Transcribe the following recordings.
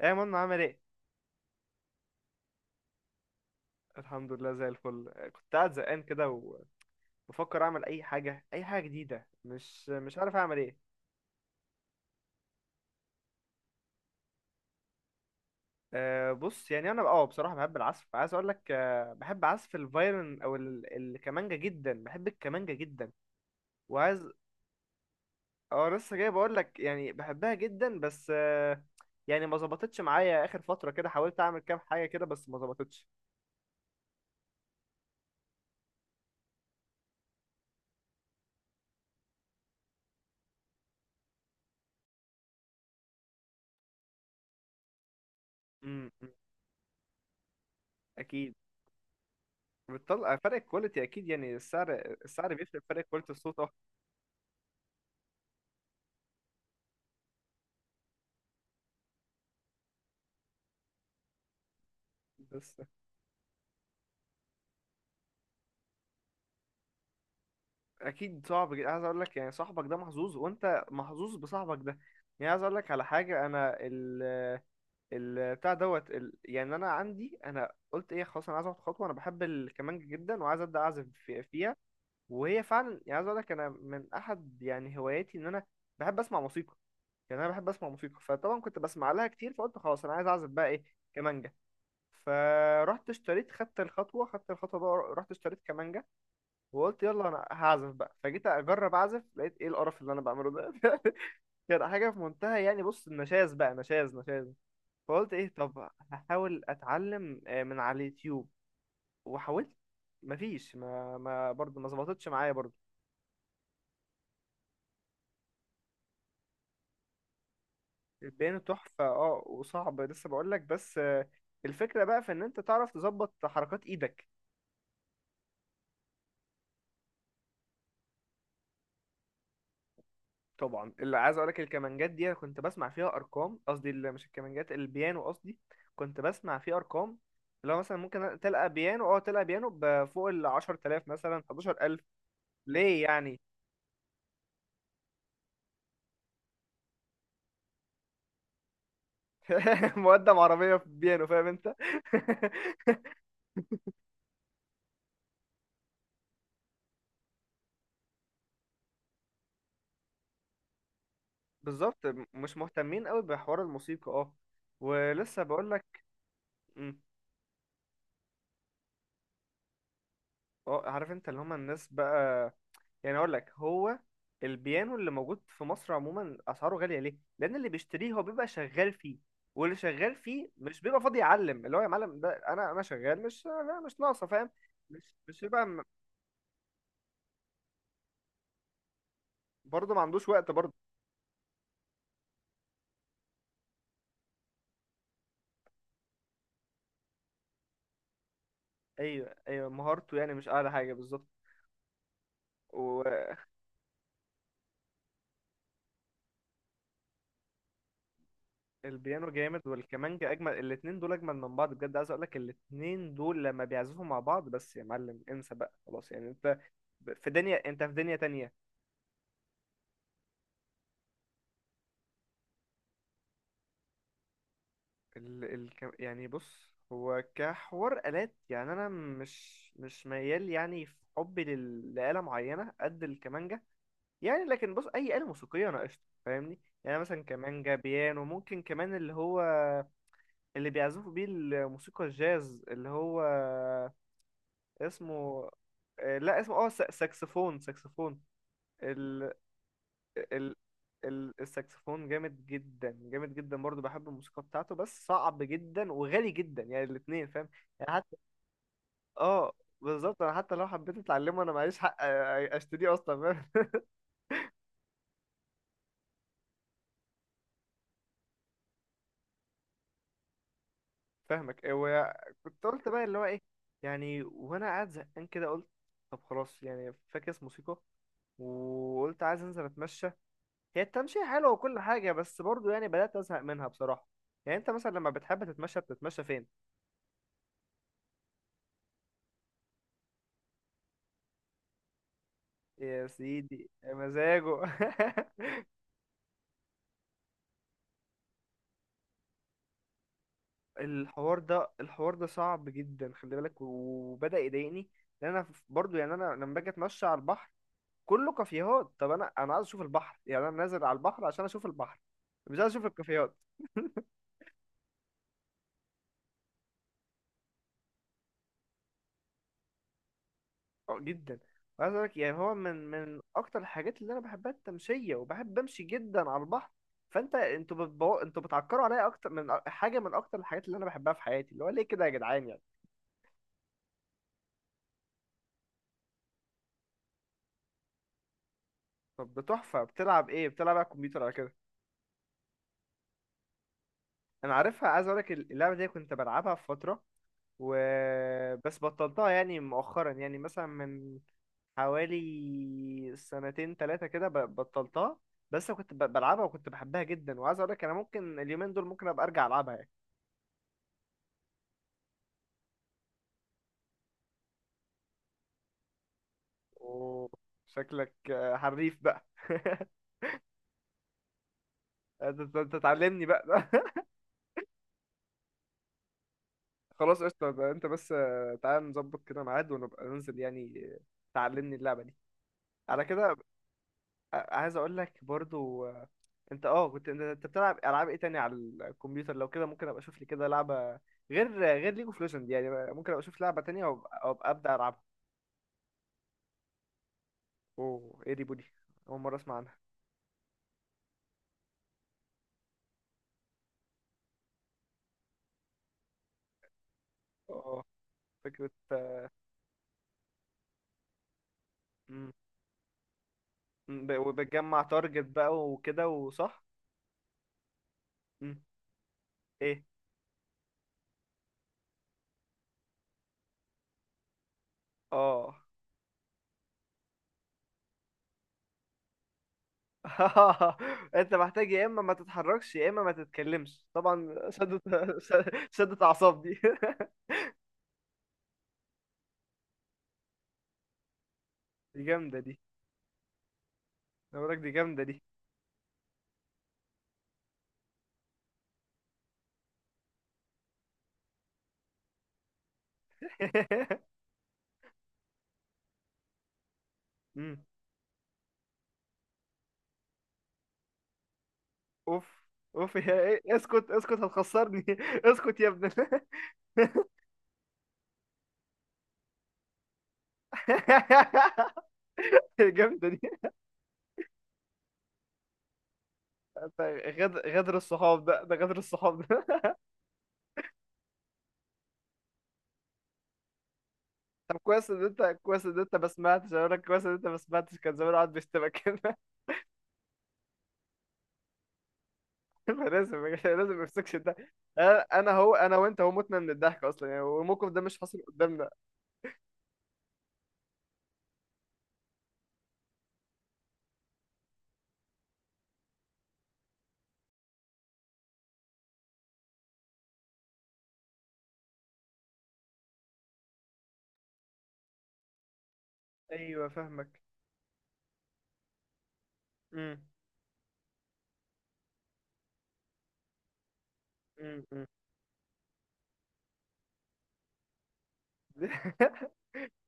ايه يا منى، عامل ايه؟ الحمد لله، زي الفل. كنت قاعد زهقان كده، وبفكر اعمل اي حاجه، اي حاجه جديده، مش عارف اعمل ايه. بص، يعني انا بصراحه بحب العزف. عايز اقول لك بحب عزف الفايلن، او الكمانجه جدا. بحب الكمانجه جدا، وعايز. اه، لسه جاي بقول لك، يعني بحبها جدا. بس يعني ما ظبطتش معايا اخر فتره كده. حاولت اعمل كام حاجه كده، بس ما ظبطتش. امم امم، اكيد. بتطلع فرق الكواليتي، اكيد، يعني السعر بيفرق، فرق كواليتي الصوت، اه. بس اكيد صعب جدا. عايز اقول لك يعني صاحبك ده محظوظ، وانت محظوظ بصاحبك ده. يعني عايز اقول لك على حاجه. انا ال ال بتاع دوت ال يعني انا عندي. انا قلت ايه؟ خلاص، انا عايز اخد خطوه. انا بحب الكمانجه جدا، وعايز ابدا اعزف فيها. وهي فعلا، يعني عايز اقول لك انا من احد يعني هواياتي ان انا بحب اسمع موسيقى. يعني انا بحب اسمع موسيقى، فطبعا كنت بسمع لها كتير. فقلت خلاص انا عايز اعزف بقى ايه؟ كمانجه. فرحت اشتريت، خدت الخطوه، خدت الخطوه بقى، رحت اشتريت كمانجه. وقلت يلا انا هعزف بقى. فجيت اجرب اعزف، لقيت ايه القرف اللي انا بعمله ده! كانت حاجه في منتهى يعني، بص، النشاز بقى، نشاز نشاز. فقلت ايه؟ طب هحاول اتعلم من على اليوتيوب. وحاولت، مفيش. ما ما برضه ما ظبطتش معايا برضه. البيانو تحفه، اه، وصعب، لسه بقول لك. بس الفكره بقى في ان انت تعرف تظبط حركات ايدك. طبعا اللي عايز اقول لك، الكمانجات دي أنا كنت بسمع فيها ارقام، قصدي مش الكمانجات، البيانو قصدي. كنت بسمع فيه ارقام، اللي هو مثلا ممكن تلقى بيانو بفوق ال 10,000، مثلا 11,000. ليه يعني؟ مقدم عربيه في بيانو! فاهم انت؟ بالظبط. مش مهتمين قوي بحوار الموسيقى، اه. ولسه بقول لك، م، اه، عارف انت اللي هم الناس بقى. يعني اقول لك هو البيانو اللي موجود في مصر عموما اسعاره غاليه. ليه؟ لان اللي بيشتريه هو بيبقى شغال فيه، واللي شغال فيه مش بيبقى فاضي يعلم. اللي هو، يا معلم، ده انا شغال، مش ناقصه، فاهم؟ مش بيبقى برضه ما عندوش وقت برضه. ايوه ايوه، مهارته يعني مش اعلى حاجه بالظبط. والبيانو جامد، والكمانجا اجمل. الاتنين دول اجمل من بعض بجد. عايز اقول لك الاتنين دول لما بيعزفوا مع بعض، بس يا معلم انسى بقى، خلاص يعني. انت في دنيا انت في دنيا تانية. يعني بص، هو كحوار آلات، يعني أنا مش ميال يعني في حبي لآلة معينة قد الكمانجا. يعني لكن بص، أي آلة موسيقية أنا قشطة، فاهمني؟ يعني مثلا كمانجا، بيانو، ممكن كمان اللي هو اللي بيعزفوا بيه الموسيقى الجاز، اللي هو اسمه لا اسمه ساكسفون، ساكسفون. ال... الساكسفون جامد جدا، جامد جدا. برضو بحب الموسيقى بتاعته، بس صعب جدا وغالي جدا يعني الاتنين، فاهم؟ يعني حتى. اه، بالظبط. انا حتى لو حبيت اتعلمه، انا معيش حق اشتريه اصلا، فاهم؟ فاهمك. وكنت قلت بقى اللي هو ايه؟ يعني وانا قاعد زهقان كده، قلت طب خلاص يعني فاكس موسيقى. وقلت عايز انزل اتمشى. هي التمشية حلوة وكل حاجة، بس برضو يعني بدأت ازهق منها بصراحة. يعني انت مثلا لما بتحب تتمشى، بتتمشى فين؟ يا سيدي يا مزاجه! الحوار ده صعب جدا، خلي بالك، وبدأ يضايقني. لان انا برضو يعني انا لما باجي اتمشى على البحر، كله كافيهات. طب انا عايز اشوف البحر. يعني انا نازل على البحر عشان اشوف البحر، مش عايز اشوف الكافيهات. اه، جدا. وعايز اقول لك، يعني هو من اكتر الحاجات اللي انا بحبها التمشيه، وبحب امشي جدا على البحر. فانت، انتوا بتعكروا عليا اكتر من حاجه، من اكتر الحاجات اللي انا بحبها في حياتي. اللي هو ليه كده يا جدعان يعني؟ طب ده تحفه، بتلعب ايه؟ بتلعب على الكمبيوتر على كده؟ انا عارفها. عايز اقولك اللعبه دي كنت بلعبها في فتره وبس. بطلتها يعني مؤخرا، يعني مثلا من حوالي سنتين ثلاثه كده بطلتها. بس أنا كنت بلعبها، وكنت بحبها جدا. وعايز اقولك انا ممكن اليومين دول ممكن ابقى ارجع العبها يعني. أوه، شكلك حريف بقى! انت أنت تعلمني بقى. خلاص، قشطه. ده انت بس، تعال نظبط كده ميعاد، ونبقى ننزل يعني، تعلمني اللعبه دي على كده. عايز اقول لك برضو، انت كنت، أنت بتلعب العاب ايه تاني على الكمبيوتر لو كده؟ ممكن ابقى اشوف لي كده لعبه، غير ليج اوف ليجند يعني. ممكن ابقى اشوف لعبه تانية وابقى ابدا العبها. اوه، ايه دي بودي؟ اول مره اسمع عنها. اه، فكره. مم. وبتجمع تارجت بقى وكده وصح. مم. ايه؟ اه. انت محتاج يا اما ما تتحركش يا اما ما تتكلمش. طبعا شدت اعصاب دي! دي جامده دي، انا بقولك دي جامده دي. مم. اوف، اوف يا إيه؟ اسكت اسكت، هتخسرني! اسكت يا ابني! جامدة دي. انت غدر الصحاب ده، غدر الصحاب ده! طب كويس ان انت، ما سمعتش، اقول لك كويس ان انت ما سمعتش، كان زمان قاعد بيشتمك كده. فلازم، ما يمسكش ده. انا هو، انا وانت، هو متنا من الضحك اصلا يعني، والموقف ده مش حاصل قدامنا. ايوه، فاهمك. امم. امم. أمم.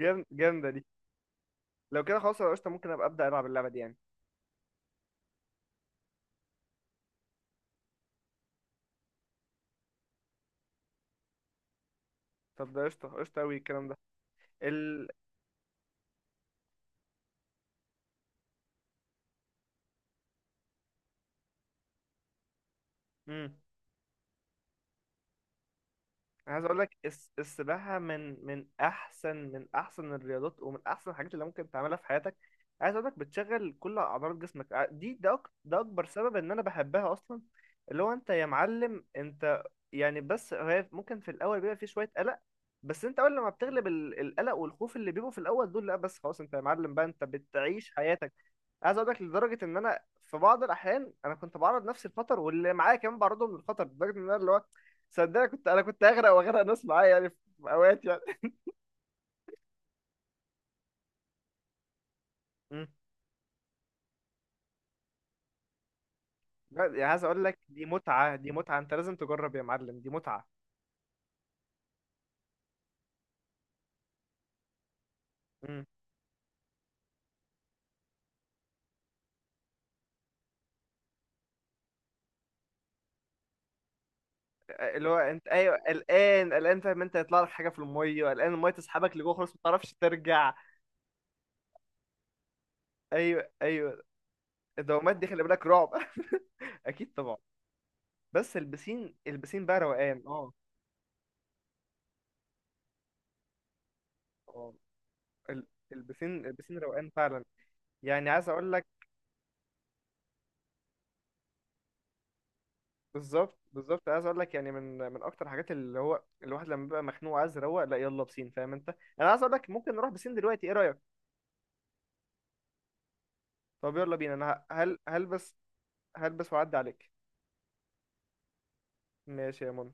جامدة دي. لو كده خلاص يا قشطة، ممكن ابقى ابدا العب اللعبة دي يعني. طب ده قشطة قشطة أوي الكلام ده. ال... مم. انا عايز اقول لك السباحه من احسن الرياضات، ومن احسن الحاجات اللي ممكن تعملها في حياتك. عايز اقول لك بتشغل كل اعضلات جسمك. ده اكبر سبب ان انا بحبها اصلا. اللي هو انت يا معلم انت. يعني بس هي ممكن في الاول بيبقى في شويه قلق. بس انت اول لما بتغلب القلق والخوف اللي بيبقوا في الاول دول، لا بس خلاص، انت يا معلم بقى، انت بتعيش حياتك. عايز اقول لك لدرجه ان انا في بعض الاحيان انا كنت بعرض نفسي للخطر، واللي معايا كمان بعرضهم للخطر، لدرجه ان انا اللي هو. صدقني، كنت اغرق، واغرق ناس معايا يعني، في اوقات يعني. مم. لا، يعني عايز اقول لك دي متعه، دي متعه، انت لازم تجرب يا معلم، دي متعه. مم. اللي هو انت. ايوه، قلقان قلقان، فاهم انت؟ هيطلع لك حاجه في الميه، قلقان الميه تسحبك لجوه خلاص، ما تعرفش ترجع. ايوه ايوه. الدوامات دي خلي بالك، رعب! اكيد طبعا. بس البسين بقى روقان، اه. اه، البسين روقان فعلا. يعني عايز اقول لك، بالظبط بالظبط، عايز اقول لك، يعني من اكتر الحاجات، اللي هو الواحد لما بيبقى مخنوق عايز يروق، لا يلا بسين، فاهم انت؟ انا عايز اقول لك ممكن نروح بسين دلوقتي، ايه رايك؟ طب يلا بينا. انا ه- هل هلبس. هلبس واعدي عليك. ماشي يا منى.